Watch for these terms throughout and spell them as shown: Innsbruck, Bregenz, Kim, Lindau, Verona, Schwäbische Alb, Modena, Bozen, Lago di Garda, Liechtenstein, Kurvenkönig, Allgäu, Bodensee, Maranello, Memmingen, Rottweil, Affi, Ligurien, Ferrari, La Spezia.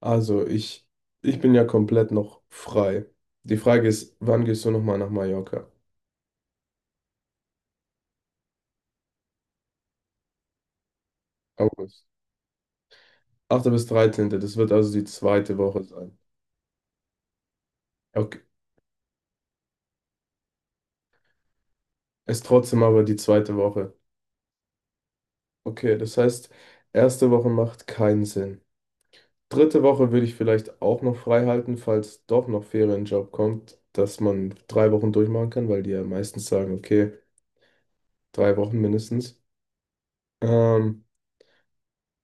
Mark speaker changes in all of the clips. Speaker 1: Also ich bin ja komplett noch frei. Die Frage ist, wann gehst du nochmal nach Mallorca? August. 8. bis 13. Das wird also die zweite Woche sein. Okay. Ist trotzdem aber die zweite Woche. Okay, das heißt, erste Woche macht keinen Sinn. Dritte Woche würde ich vielleicht auch noch frei halten, falls doch noch Ferienjob kommt, dass man 3 Wochen durchmachen kann, weil die ja meistens sagen, okay, 3 Wochen mindestens. Ähm,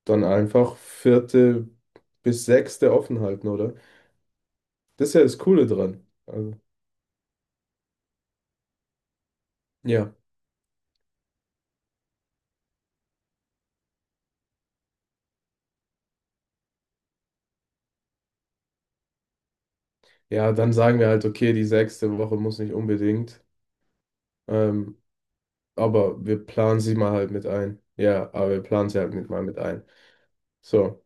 Speaker 1: Dann einfach vierte bis sechste offen halten, oder? Das ist ja das Coole dran. Also, ja. Ja, dann sagen wir halt, okay, die sechste Woche muss nicht unbedingt. Ähm, aber wir planen sie mal halt mit ein. Ja, aber wir planen sie halt mit mal mit ein. So,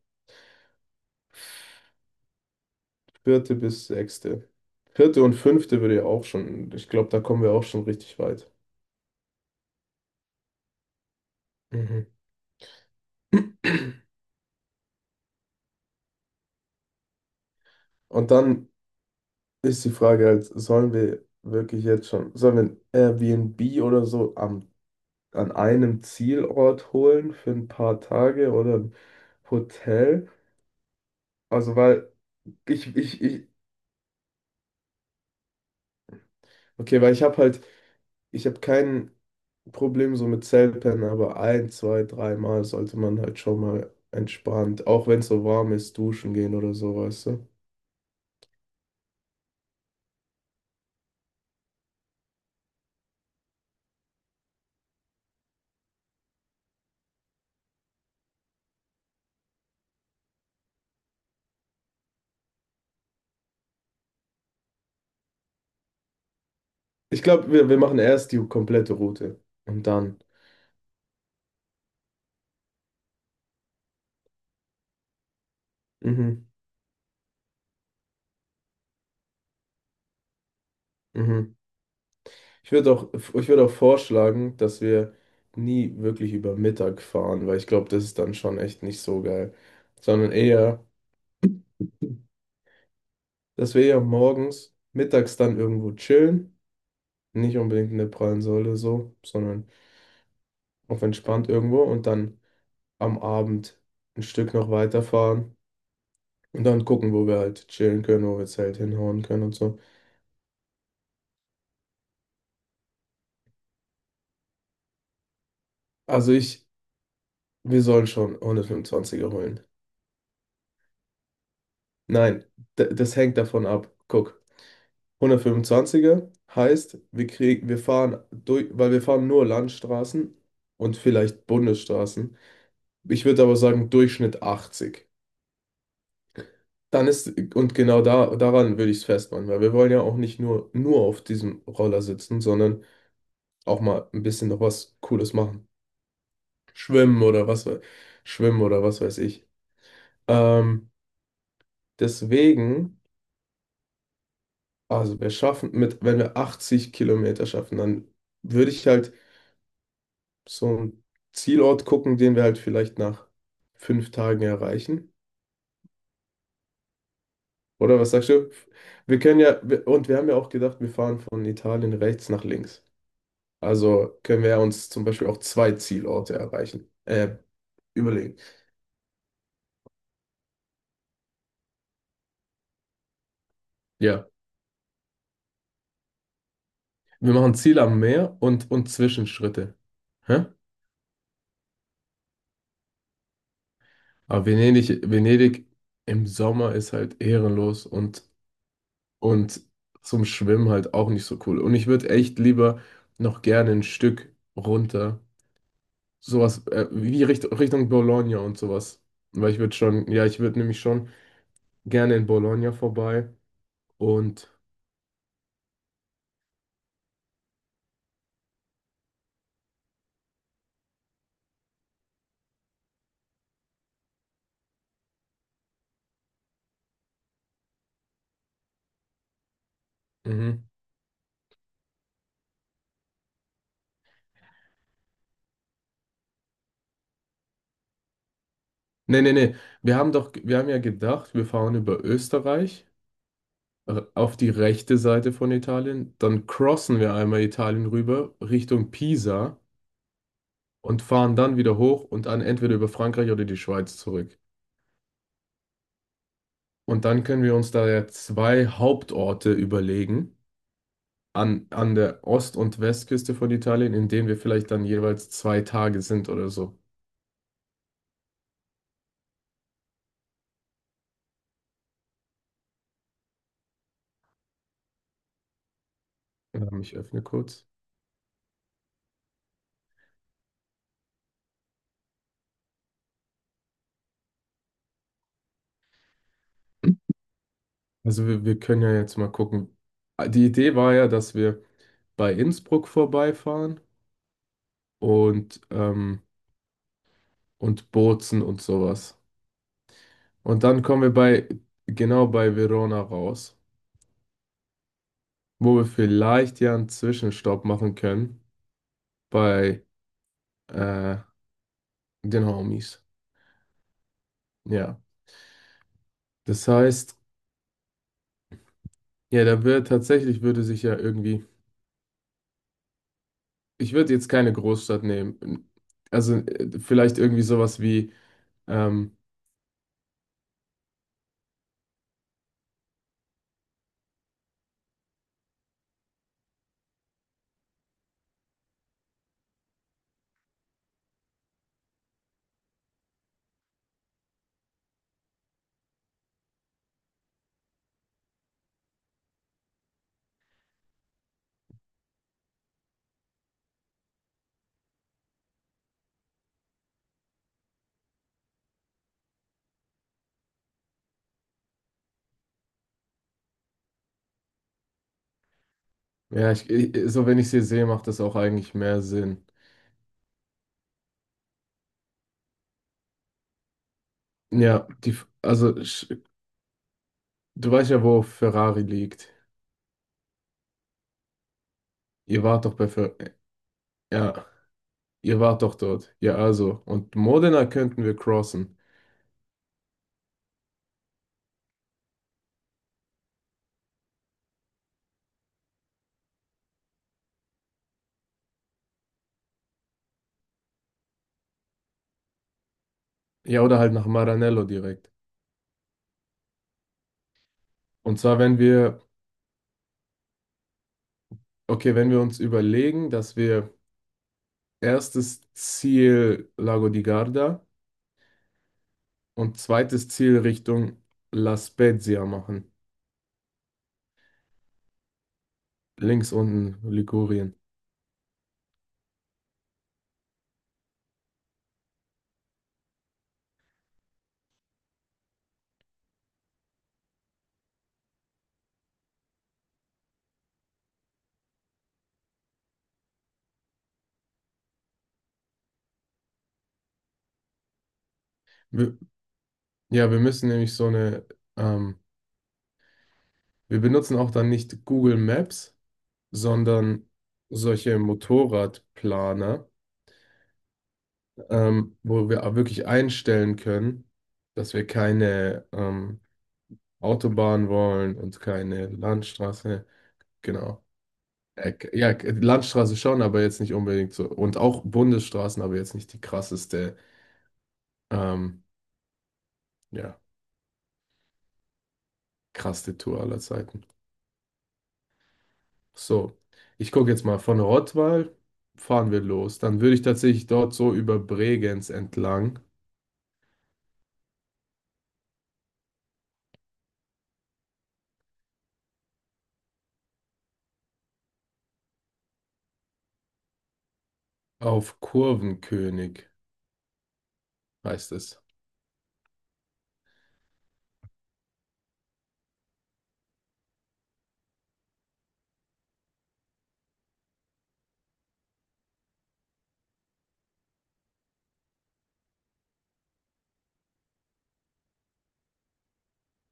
Speaker 1: vierte bis sechste. Vierte und fünfte würde ja auch schon, ich glaube, da kommen wir auch schon richtig weit. Mhm. Und dann ist die Frage halt, sollen wir wirklich jetzt schon, sollen wir ein Airbnb oder so am, an einem Zielort holen für ein paar Tage oder ein Hotel? Also, weil. Ich, okay, weil ich habe halt, ich habe kein Problem so mit Selpen, aber ein, zwei, dreimal sollte man halt schon mal entspannt, auch wenn es so warm ist, duschen gehen oder so, weißt du? Ich glaube, wir machen erst die komplette Route und dann. Mhm, mhm. Ich würde auch vorschlagen, dass wir nie wirklich über Mittag fahren, weil ich glaube, das ist dann schon echt nicht so geil, sondern eher, dass wir eher morgens, mittags dann irgendwo chillen. Nicht unbedingt in der prallen Säule so, sondern auf entspannt irgendwo und dann am Abend ein Stück noch weiterfahren und dann gucken, wo wir halt chillen können, wo wir Zelt hinhauen können und so. Also ich, wir sollen schon 125er holen. Nein, das hängt davon ab. Guck, 125er heißt, wir kriegen, wir fahren durch, weil wir fahren nur Landstraßen und vielleicht Bundesstraßen. Ich würde aber sagen, Durchschnitt 80. Dann ist, und genau da, daran würde ich es festmachen, weil wir wollen ja auch nicht nur auf diesem Roller sitzen, sondern auch mal ein bisschen noch was Cooles machen. Schwimmen oder was, schwimmen oder was weiß ich. Ähm, Deswegen, also wir schaffen mit, wenn wir 80 Kilometer schaffen, dann würde ich halt so einen Zielort gucken, den wir halt vielleicht nach 5 Tagen erreichen. Oder was sagst du? Wir können ja, und wir haben ja auch gedacht, wir fahren von Italien rechts nach links. Also können wir uns zum Beispiel auch zwei Zielorte erreichen, überlegen. Ja, wir machen Ziel am Meer und Zwischenschritte. Hä? Aber Venedig im Sommer ist halt ehrenlos und zum Schwimmen halt auch nicht so cool. Und ich würde echt lieber noch gerne ein Stück runter, sowas wie Richtung Bologna und sowas. Weil ich würde schon, ja, ich würde nämlich schon gerne in Bologna vorbei und mhm. Nee, nee, nee. Wir haben doch, wir haben ja gedacht, wir fahren über Österreich auf die rechte Seite von Italien, dann crossen wir einmal Italien rüber Richtung Pisa und fahren dann wieder hoch und dann entweder über Frankreich oder die Schweiz zurück. Und dann können wir uns da ja zwei Hauptorte überlegen an der Ost- und Westküste von Italien, in denen wir vielleicht dann jeweils 2 Tage sind oder so. Ich öffne kurz. Also wir können ja jetzt mal gucken. Ah, die Idee war ja, dass wir bei Innsbruck vorbeifahren und, ähm, und Bozen und sowas. Und dann kommen wir bei, genau bei Verona raus, wo wir vielleicht ja einen Zwischenstopp machen können bei äh, den Homies. Ja, das heißt, ja, da wird tatsächlich, würde sich ja irgendwie, ich würde jetzt keine Großstadt nehmen. Also vielleicht irgendwie sowas wie, ähm, ja, so wenn ich sie sehe, macht das auch eigentlich mehr Sinn. Ja, die, also du weißt ja, wo Ferrari liegt. Ihr wart doch bei Fer ja, ihr wart doch dort. Ja, also. Und Modena könnten wir crossen. Ja, oder halt nach Maranello direkt. Und zwar, wenn wir, okay, wenn wir uns überlegen, dass wir erstes Ziel Lago di Garda und zweites Ziel Richtung La Spezia machen. Links unten Ligurien. Wir, ja, wir müssen nämlich so eine, ähm, wir benutzen auch dann nicht Google Maps, sondern solche Motorradplaner, wo wir auch wirklich einstellen können, dass wir keine Autobahn wollen und keine Landstraße. Genau. Ja, Landstraße schon, aber jetzt nicht unbedingt so. Und auch Bundesstraßen, aber jetzt nicht die krasseste, ähm, ja, krasseste Tour aller Zeiten. So, ich gucke jetzt mal von Rottweil. Fahren wir los. Dann würde ich tatsächlich dort so über Bregenz entlang auf Kurvenkönig, heißt es.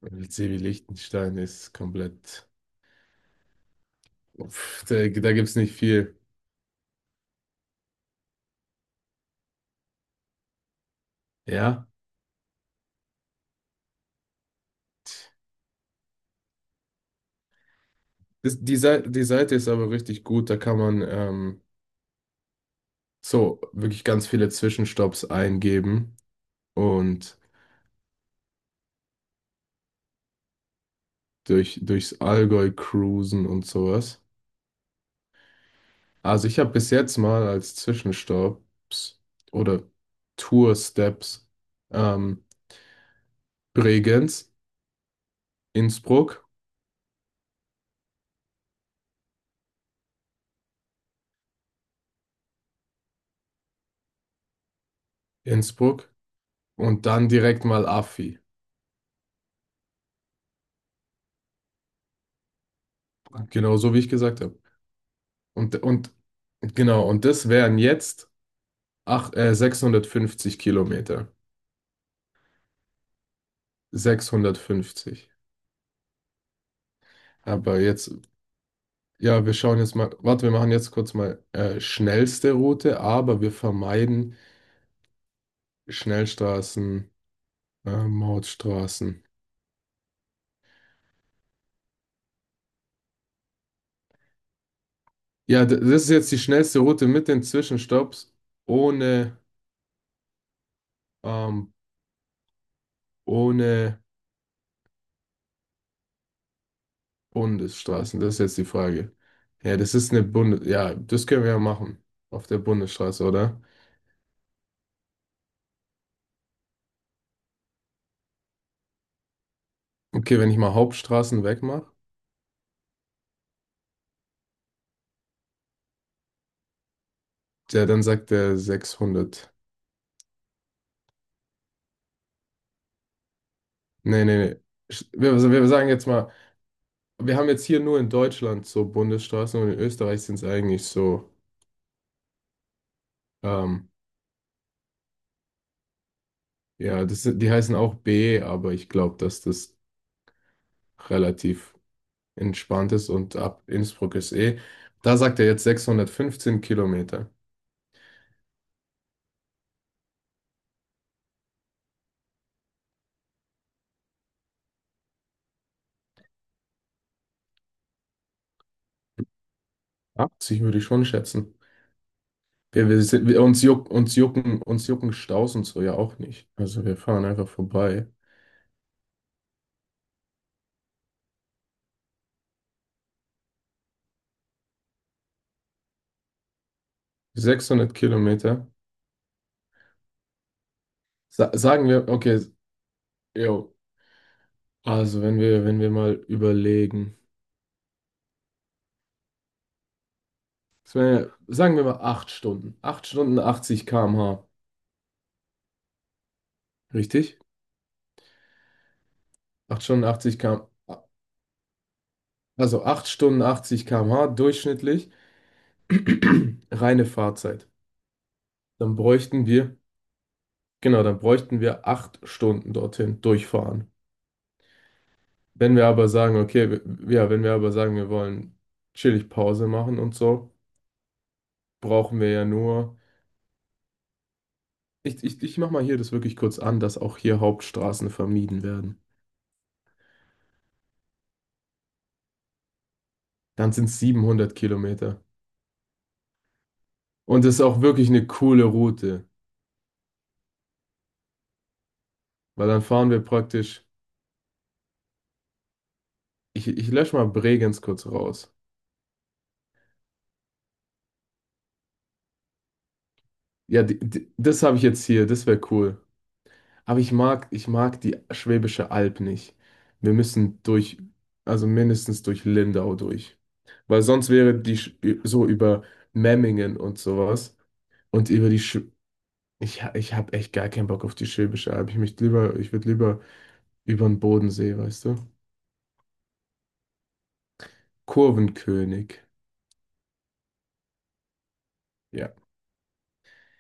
Speaker 1: LC wie Liechtenstein ist komplett. Uff, da gibt es nicht viel. Ja. Das, die Seite ist aber richtig gut. Da kann man so wirklich ganz viele Zwischenstopps eingeben und durchs Allgäu cruisen und sowas. Also ich habe bis jetzt mal als Zwischenstopps oder Tour-Steps ähm, Bregenz, Innsbruck, Innsbruck und dann direkt mal Affi. Genau so wie ich gesagt habe. Und genau, und das wären jetzt ach, 650 Kilometer. 650. Aber jetzt, ja, wir schauen jetzt mal, warte, wir machen jetzt kurz mal schnellste Route, aber wir vermeiden Schnellstraßen, Mautstraßen. Ja, das ist jetzt die schnellste Route mit den Zwischenstopps ohne, ähm, ohne Bundesstraßen. Das ist jetzt die Frage. Ja, das ist eine ja, das können wir ja machen auf der Bundesstraße, oder? Okay, wenn ich mal Hauptstraßen wegmache, ja, dann sagt der 600. Nee, nee, nee. Wir, also wir sagen jetzt mal, wir haben jetzt hier nur in Deutschland so Bundesstraßen und in Österreich sind es eigentlich so, ähm, ja, das, die heißen auch B, aber ich glaube, dass das relativ entspannt ist und ab Innsbruck ist E. Da sagt er jetzt 615 Kilometer. 80 würde ich schon schätzen. Wir sind, wir, uns jucken Staus und so ja auch nicht. Also wir fahren einfach vorbei. 600 Kilometer. Sa Sagen wir, okay, jo, also wenn wir, mal überlegen. Sagen wir mal 8 Stunden. 8 Stunden 80 km/h. Richtig? 8 Stunden 80 km, also 8 Stunden 80 km/h durchschnittlich, reine Fahrzeit. Dann bräuchten wir, genau, dann bräuchten wir 8 Stunden dorthin durchfahren. Wenn wir aber sagen, okay, ja, wenn wir aber sagen, wir wollen chillig Pause machen und so, brauchen wir ja nur, ich mach mal hier das wirklich kurz an, dass auch hier Hauptstraßen vermieden werden. Dann sind es 700 Kilometer. Und das ist auch wirklich eine coole Route, weil dann fahren wir praktisch, ich lösche mal Bregenz kurz raus. Ja, das habe ich jetzt hier, das wäre cool. Aber ich mag die Schwäbische Alb nicht. Wir müssen durch, also mindestens durch Lindau durch. Weil sonst wäre die so über Memmingen und sowas und über die Sch ich habe echt gar keinen Bock auf die Schwäbische Alb. Ich möchte lieber, ich würde lieber über den Bodensee, weißt du? Kurvenkönig. Ja.